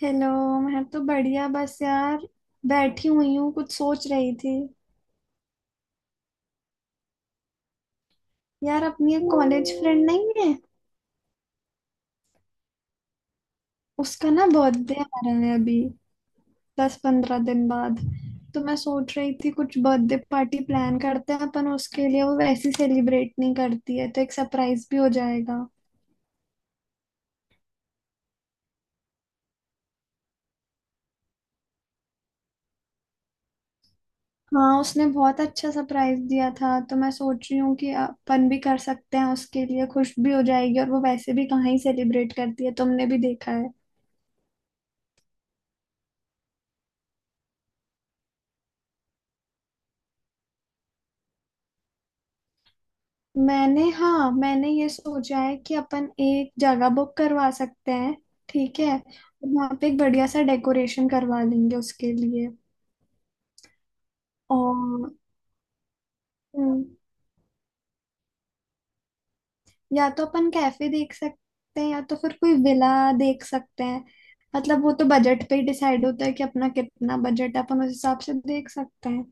Hello. मैं तो बढ़िया बस यार बैठी हुई हूँ कुछ सोच रही थी। यार अपनी एक कॉलेज फ्रेंड नहीं है, उसका ना बर्थडे आ रहा है अभी 10-15 दिन बाद। तो मैं सोच रही थी कुछ बर्थडे पार्टी प्लान करते हैं अपन उसके लिए। वो वैसे सेलिब्रेट नहीं करती है तो एक सरप्राइज भी हो जाएगा। हाँ, उसने बहुत अच्छा सरप्राइज दिया था, तो मैं सोच रही हूँ कि अपन भी कर सकते हैं उसके लिए। खुश भी हो जाएगी और वो वैसे भी कहाँ ही सेलिब्रेट करती है, तुमने भी देखा। मैंने ये सोचा है कि अपन एक जगह बुक करवा सकते हैं। ठीक है। वहां पे एक बढ़िया सा डेकोरेशन करवा देंगे उसके लिए। और हम्म, या तो अपन कैफे देख सकते हैं या तो फिर कोई विला देख सकते हैं। मतलब वो तो बजट पे ही डिसाइड होता है कि अपना कितना बजट है, अपन उस हिसाब से देख सकते हैं।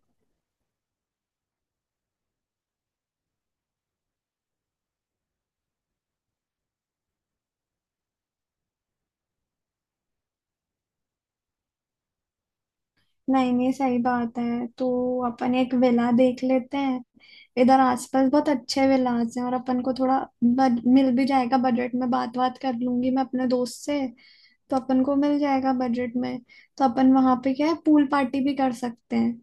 नहीं नहीं सही बात है, तो अपन एक विला देख लेते हैं। इधर आसपास बहुत अच्छे विलाज हैं और अपन को थोड़ा मिल भी जाएगा बजट में। बात बात कर लूंगी मैं अपने दोस्त से, तो अपन को मिल जाएगा बजट में। तो अपन वहां पे क्या है, पूल पार्टी भी कर सकते हैं।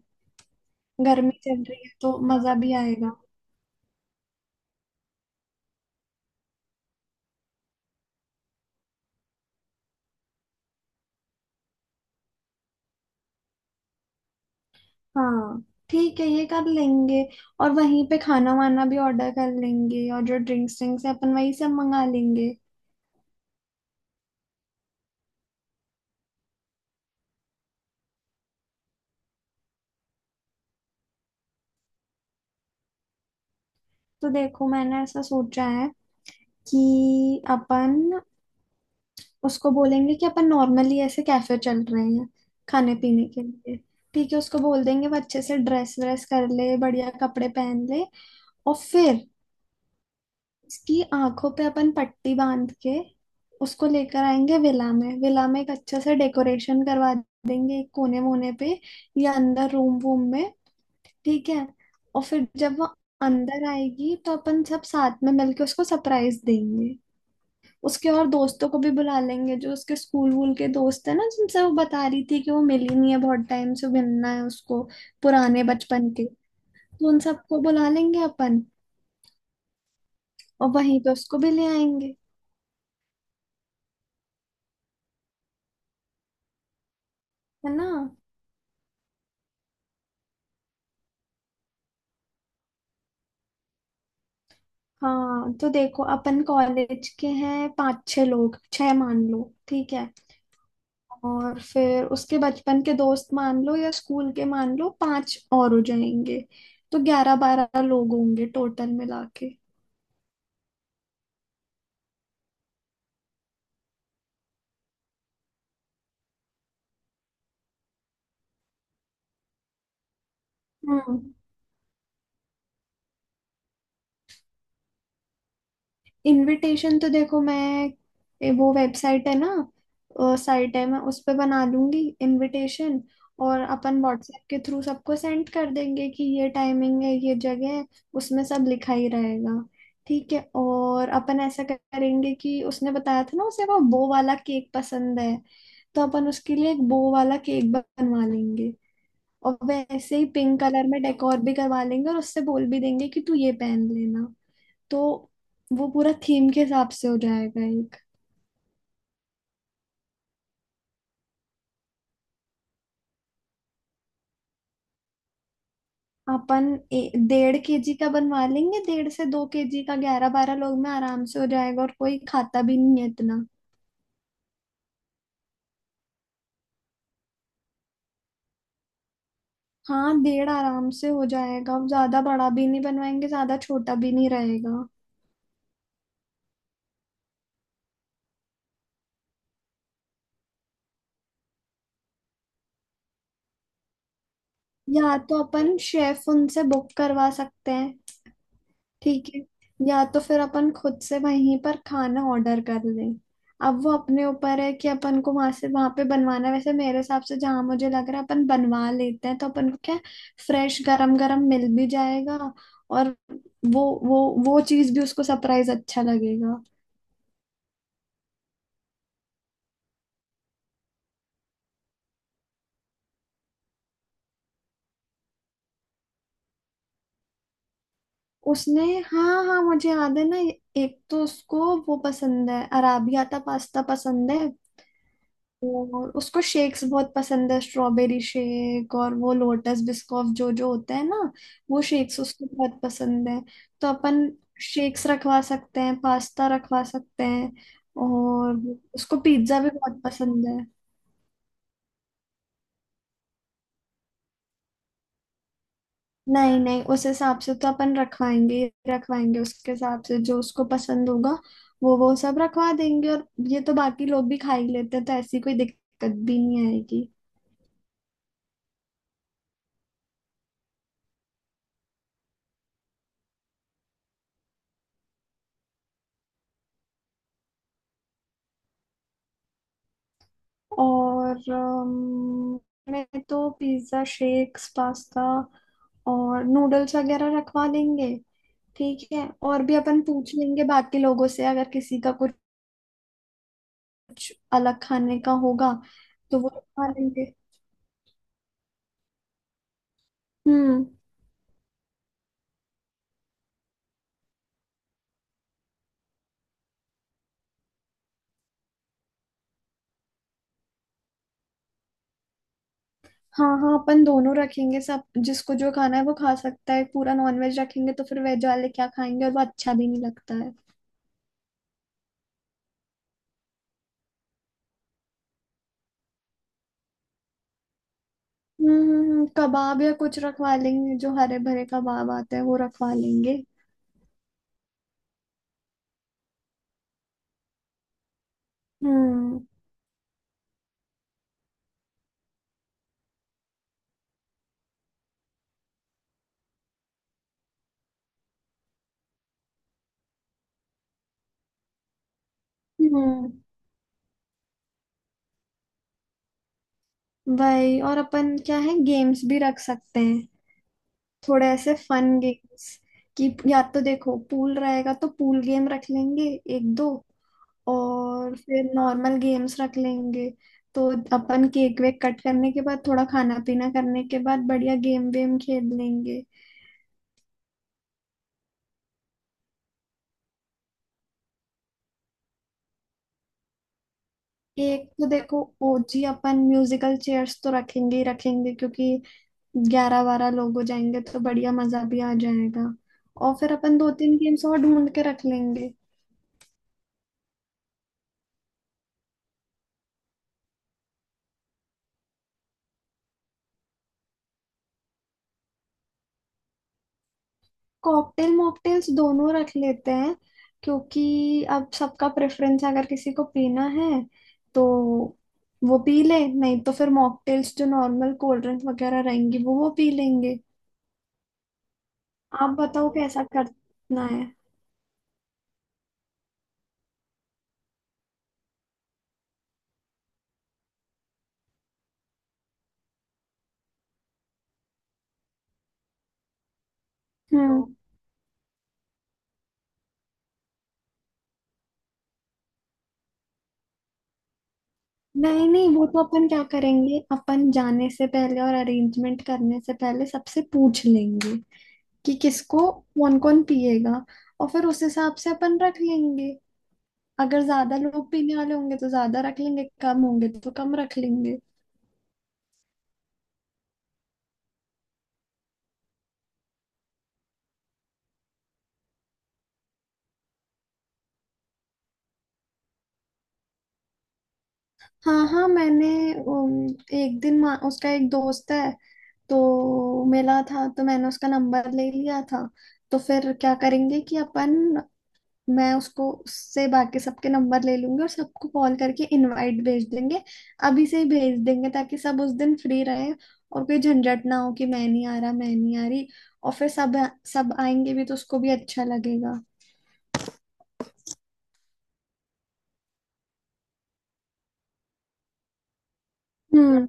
गर्मी चल रही है तो मजा भी आएगा। हाँ ठीक है, ये कर लेंगे। और वहीं पे खाना वाना भी ऑर्डर कर लेंगे, और जो ड्रिंक्स ड्रिंक्स है अपन वहीं से मंगा लेंगे। तो देखो मैंने ऐसा सोचा है कि अपन उसको बोलेंगे कि अपन नॉर्मली ऐसे कैफे चल रहे हैं खाने पीने के लिए। ठीक है, उसको बोल देंगे वो अच्छे से ड्रेस व्रेस कर ले, बढ़िया कपड़े पहन ले। और फिर उसकी आंखों पे अपन पट्टी बांध के उसको लेकर आएंगे विला में। विला में एक अच्छे से डेकोरेशन करवा देंगे एक कोने वोने पे या अंदर रूम वूम में। ठीक है, और फिर जब वो अंदर आएगी तो अपन सब साथ में मिलके उसको सरप्राइज देंगे। उसके और दोस्तों को भी बुला लेंगे, जो उसके स्कूल वूल के दोस्त है ना, जिनसे वो बता रही थी कि वो मिली नहीं है बहुत टाइम से, मिलना है उसको, पुराने बचपन के। तो उन सबको बुला लेंगे अपन और वहीं पे उसको भी ले आएंगे। है ना। हाँ, तो देखो अपन कॉलेज के हैं पांच छह लोग, छह मान लो। ठीक है, और फिर उसके बचपन के दोस्त मान लो या स्कूल के मान लो पांच और हो जाएंगे। तो 11-12 लोग होंगे टोटल मिला के। हम्म। इनविटेशन तो देखो मैं वो वेबसाइट है ना, साइट है, मैं उस पे बना लूंगी इनविटेशन। और अपन व्हाट्सएप के थ्रू सबको सेंड कर देंगे कि ये टाइमिंग है, ये जगह है। उसमें सब लिखा ही रहेगा। ठीक है, और अपन ऐसा करेंगे कि उसने बताया था ना उसे वो बो वाला केक पसंद है, तो अपन उसके लिए एक बो वाला केक बनवा लेंगे। और वैसे ही पिंक कलर में डेकोर भी करवा लेंगे, और उससे बोल भी देंगे कि तू ये पहन लेना। तो वो पूरा थीम के हिसाब से हो जाएगा एक। अपन डेढ़ केजी का बनवा लेंगे, डेढ़ से दो केजी का। 11-12 लोग में आराम से हो जाएगा, और कोई खाता भी नहीं है इतना। हाँ डेढ़ आराम से हो जाएगा, ज्यादा बड़ा भी नहीं बनवाएंगे, ज्यादा छोटा भी नहीं रहेगा। या तो अपन शेफ उनसे बुक करवा सकते हैं। ठीक है, या तो फिर अपन खुद से वहीं पर खाना ऑर्डर कर लें। अब वो अपने ऊपर है कि अपन को वहां से वहां पे बनवाना है। वैसे मेरे हिसाब से जहां मुझे लग रहा है अपन बनवा लेते हैं, तो अपन को क्या, फ्रेश गरम गरम मिल भी जाएगा। और वो चीज भी उसको सरप्राइज अच्छा लगेगा। उसने हाँ हाँ, मुझे याद है ना। एक तो उसको वो पसंद है, अराबियाता पास्ता पसंद है। और उसको शेक्स बहुत पसंद है, स्ट्रॉबेरी शेक और वो लोटस बिस्कॉफ जो जो होता है ना, वो शेक्स उसको बहुत पसंद है। तो अपन शेक्स रखवा सकते हैं, पास्ता रखवा सकते हैं। और उसको पिज्जा भी बहुत पसंद है। नहीं नहीं उस हिसाब से तो अपन रखवाएंगे ही रखवाएंगे, उसके हिसाब से जो उसको पसंद होगा वो सब रखवा देंगे। और ये तो बाकी लोग भी खा ही लेते हैं, तो ऐसी कोई दिक्कत भी नहीं आएगी। और मैं तो पिज्ज़ा, शेक्स, पास्ता और नूडल्स वगैरह रखवा लेंगे। ठीक है, और भी अपन पूछ लेंगे बाकी लोगों से अगर किसी का कुछ अलग खाने का होगा तो वो खा लेंगे। हम्म। हाँ हाँ, अपन दोनों रखेंगे, सब जिसको जो खाना है वो खा सकता है। पूरा नॉन वेज रखेंगे तो फिर वेज वाले क्या खाएंगे, और वो अच्छा भी नहीं लगता है। हम्म, कबाब या कुछ रखवा लेंगे, जो हरे भरे कबाब आते हैं वो रखवा लेंगे। हम्म। हम्म। भाई, और अपन क्या है, गेम्स भी रख सकते हैं, थोड़े ऐसे फन गेम्स। कि या तो देखो पूल रहेगा तो पूल गेम रख लेंगे, एक दो। और फिर नॉर्मल गेम्स रख लेंगे। तो अपन केक वेक कट करने के बाद, थोड़ा खाना पीना करने के बाद, बढ़िया गेम वेम खेल लेंगे। एक तो देखो ओजी अपन म्यूजिकल चेयर्स तो रखेंगे ही रखेंगे, क्योंकि 11-12 लोग हो जाएंगे तो बढ़िया मजा भी आ जाएगा। और फिर अपन दो तीन गेम्स और ढूंढ के रख लेंगे। कॉकटेल मॉकटेल्स दोनों रख लेते हैं, क्योंकि अब सबका प्रेफरेंस, अगर किसी को पीना है तो वो पी ले, नहीं तो फिर मॉकटेल्स जो नॉर्मल कोल्ड ड्रिंक्स वगैरह रहेंगी वो पी लेंगे। आप बताओ कैसा करना है। हम्म। नहीं नहीं, वो तो अपन क्या करेंगे, अपन जाने से पहले और अरेंजमेंट करने से पहले सबसे पूछ लेंगे कि किसको, कौन कौन पिएगा। और फिर उस हिसाब से अपन रख लेंगे। अगर ज्यादा लोग पीने वाले होंगे तो ज्यादा रख लेंगे, कम होंगे तो कम रख लेंगे। हाँ हाँ, मैंने उम, एक दिन उसका एक दोस्त है तो मिला था, तो मैंने उसका नंबर ले लिया था। तो फिर क्या करेंगे कि अपन, मैं उसको उससे बाकी सबके नंबर ले लूंगी और सबको कॉल करके इनवाइट भेज देंगे। अभी से ही भेज देंगे ताकि सब उस दिन फ्री रहे और कोई झंझट ना हो कि मैं नहीं आ रहा, मैं नहीं आ रही। और फिर सब सब आएंगे भी, तो उसको भी अच्छा लगेगा। हम्म।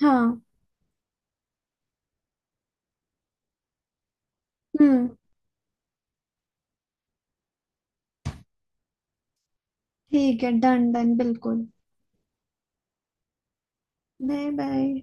हाँ। हम्म। ठीक है, डन डन बिल्कुल। Bye bye.